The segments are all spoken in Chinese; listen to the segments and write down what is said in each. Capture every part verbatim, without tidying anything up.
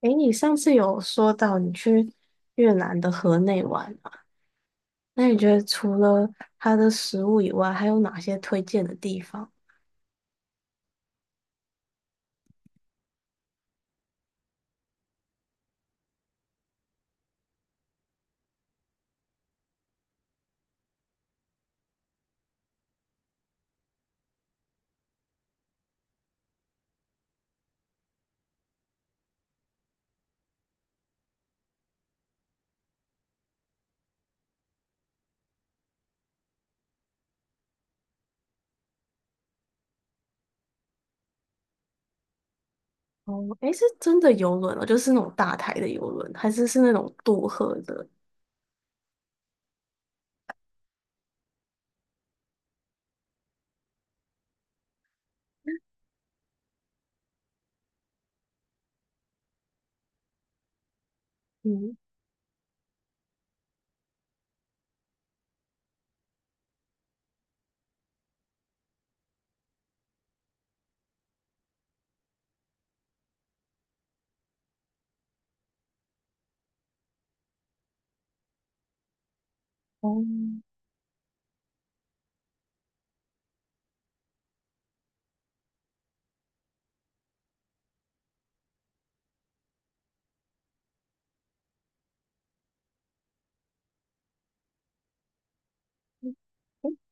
诶，你上次有说到你去越南的河内玩嘛？那你觉得除了它的食物以外，还有哪些推荐的地方？哦，诶，是真的游轮哦，就是那种大台的游轮，还是是那种渡河的？嗯，哦，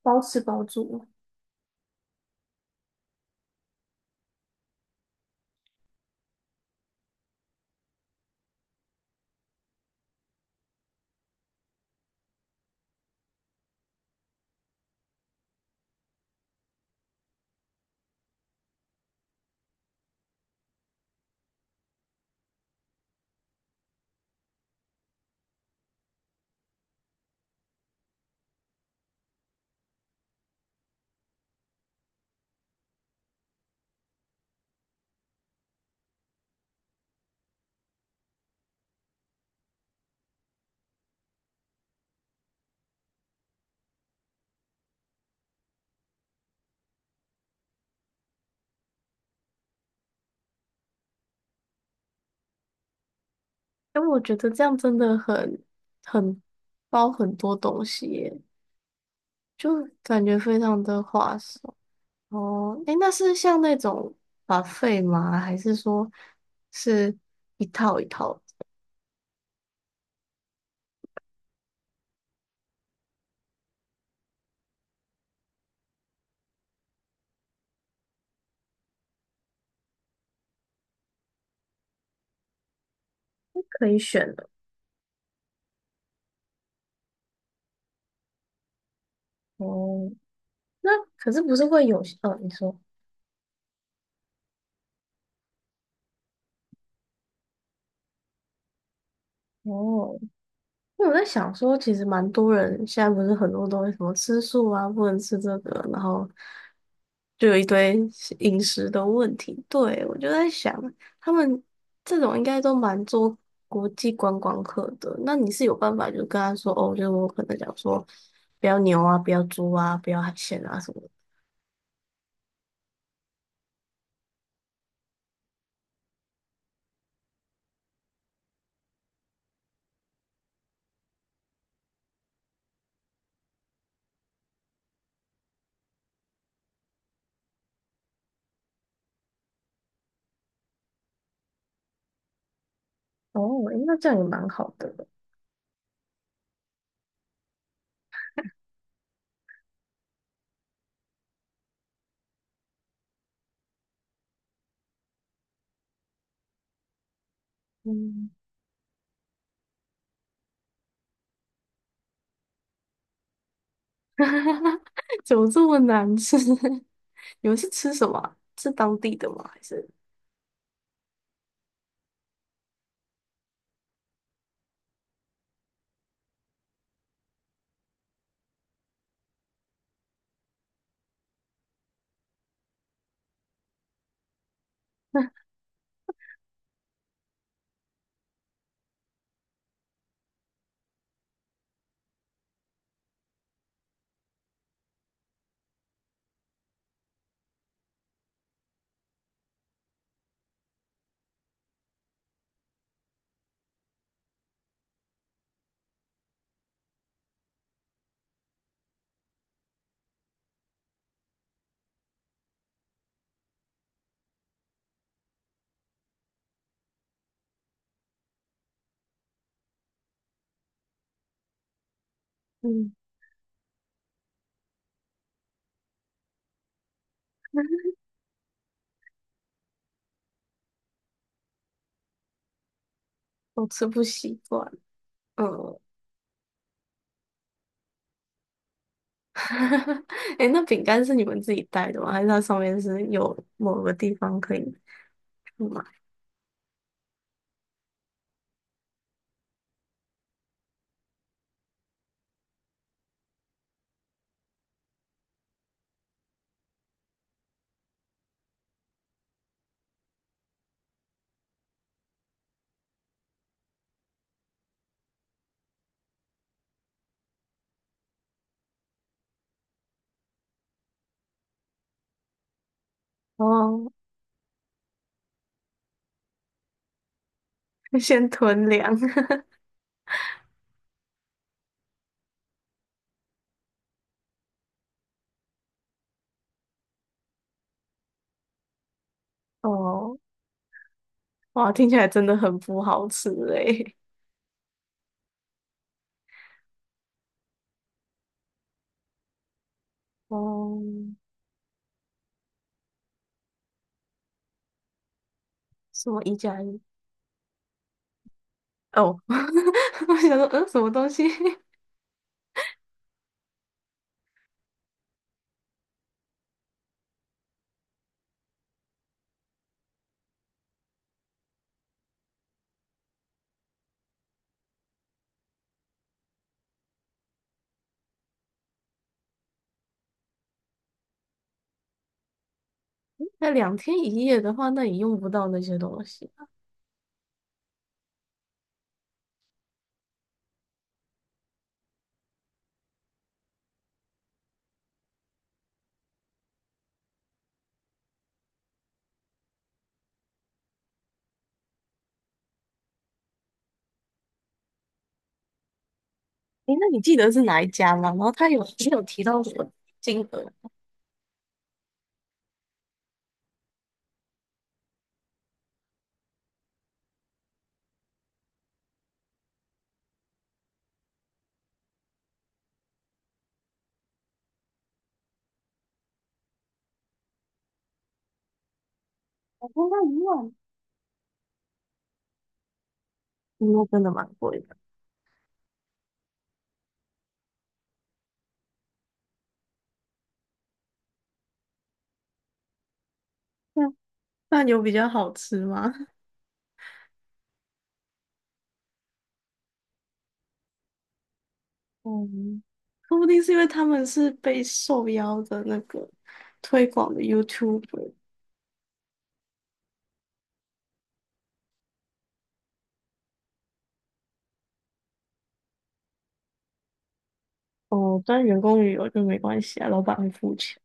包吃包住嘛。哎，我觉得这样真的很很包很多东西耶，就感觉非常的划算。哦，哎，那是像那种 b 费吗？还是说是一套一套可以选的？哦，那可是不是会有呃，哦你说哦，因为我在想说，其实蛮多人现在不是很多东西什么吃素啊，不能吃这个，然后就有一堆饮食的问题。对，我就在想，他们这种应该都蛮做国际观光客的。那你是有办法就跟他说哦，就是我可能讲说不要牛啊，不要猪啊，不要海鲜啊什么的。哦，诶那这样也蛮好的。嗯，怎么这么难吃？你们是吃什么啊，是当地的吗？还是嗯，我吃不习惯。嗯，哎那饼干是你们自己带的吗？还是它上面是有某个地方可以买？哦，先囤粮。哦，哇，听起来真的很不好吃诶。哦，什么一加一？哦，我想说，嗯，什么东西？那两天一夜的话，那也用不到那些东西。诶，那你记得是哪一家吗？然后他有也有提到什么金额？我跟他一万，嗯那真的蛮贵的。那饭有比较好吃吗？嗯，说不定是因为他们是被受邀的那个推广的 YouTuber。 哦，但员工旅游就没关系啊，老板会付钱。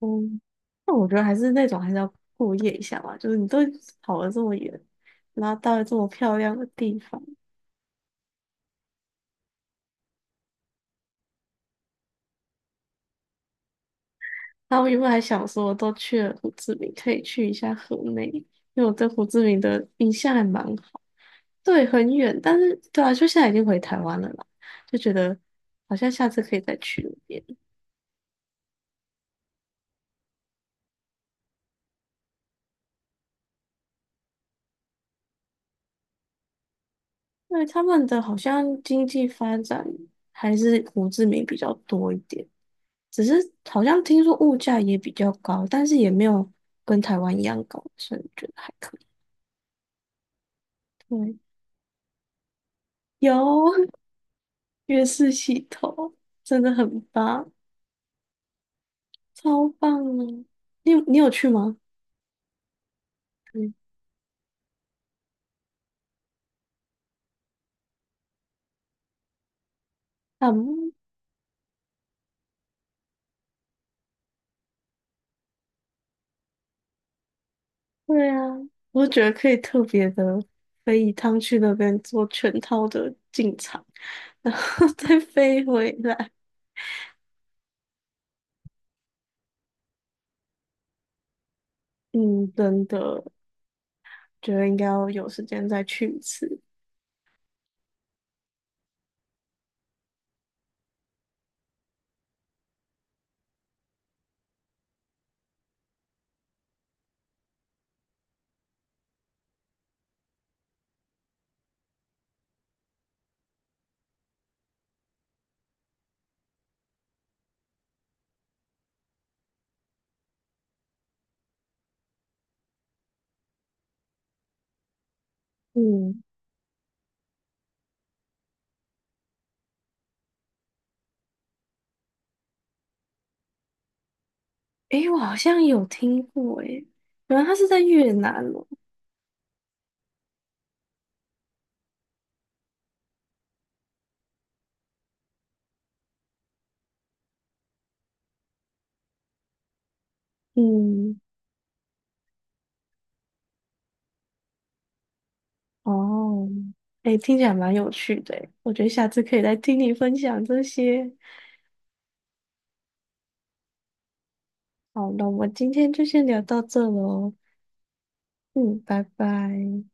嗯，那我觉得还是那种还是要过夜一下吧，就是你都跑了这么远，然后到了这么漂亮的地方，然后我原本还想说，我都去了胡志明，可以去一下河内，因为我对胡志明的印象还蛮好。对，很远，但是对啊，就现在已经回台湾了啦，就觉得好像下次可以再去那边。因为他们的好像经济发展还是胡志明比较多一点，只是好像听说物价也比较高，但是也没有跟台湾一样高，所以我觉得还可以。对，有 月式洗头，真的很棒。超棒啊！你有你有去吗？嗯，啊，嗯，对啊，我觉得可以特别的飞一趟去那边做全套的进场，然后 再飞回来。嗯，真的，觉得应该要有时间再去一次。嗯，诶，我好像有听过，诶，原来它是在越南哦。嗯，哦，诶，听起来蛮有趣的诶，我觉得下次可以来听你分享这些。好了，那我们今天就先聊到这喽。嗯，拜拜。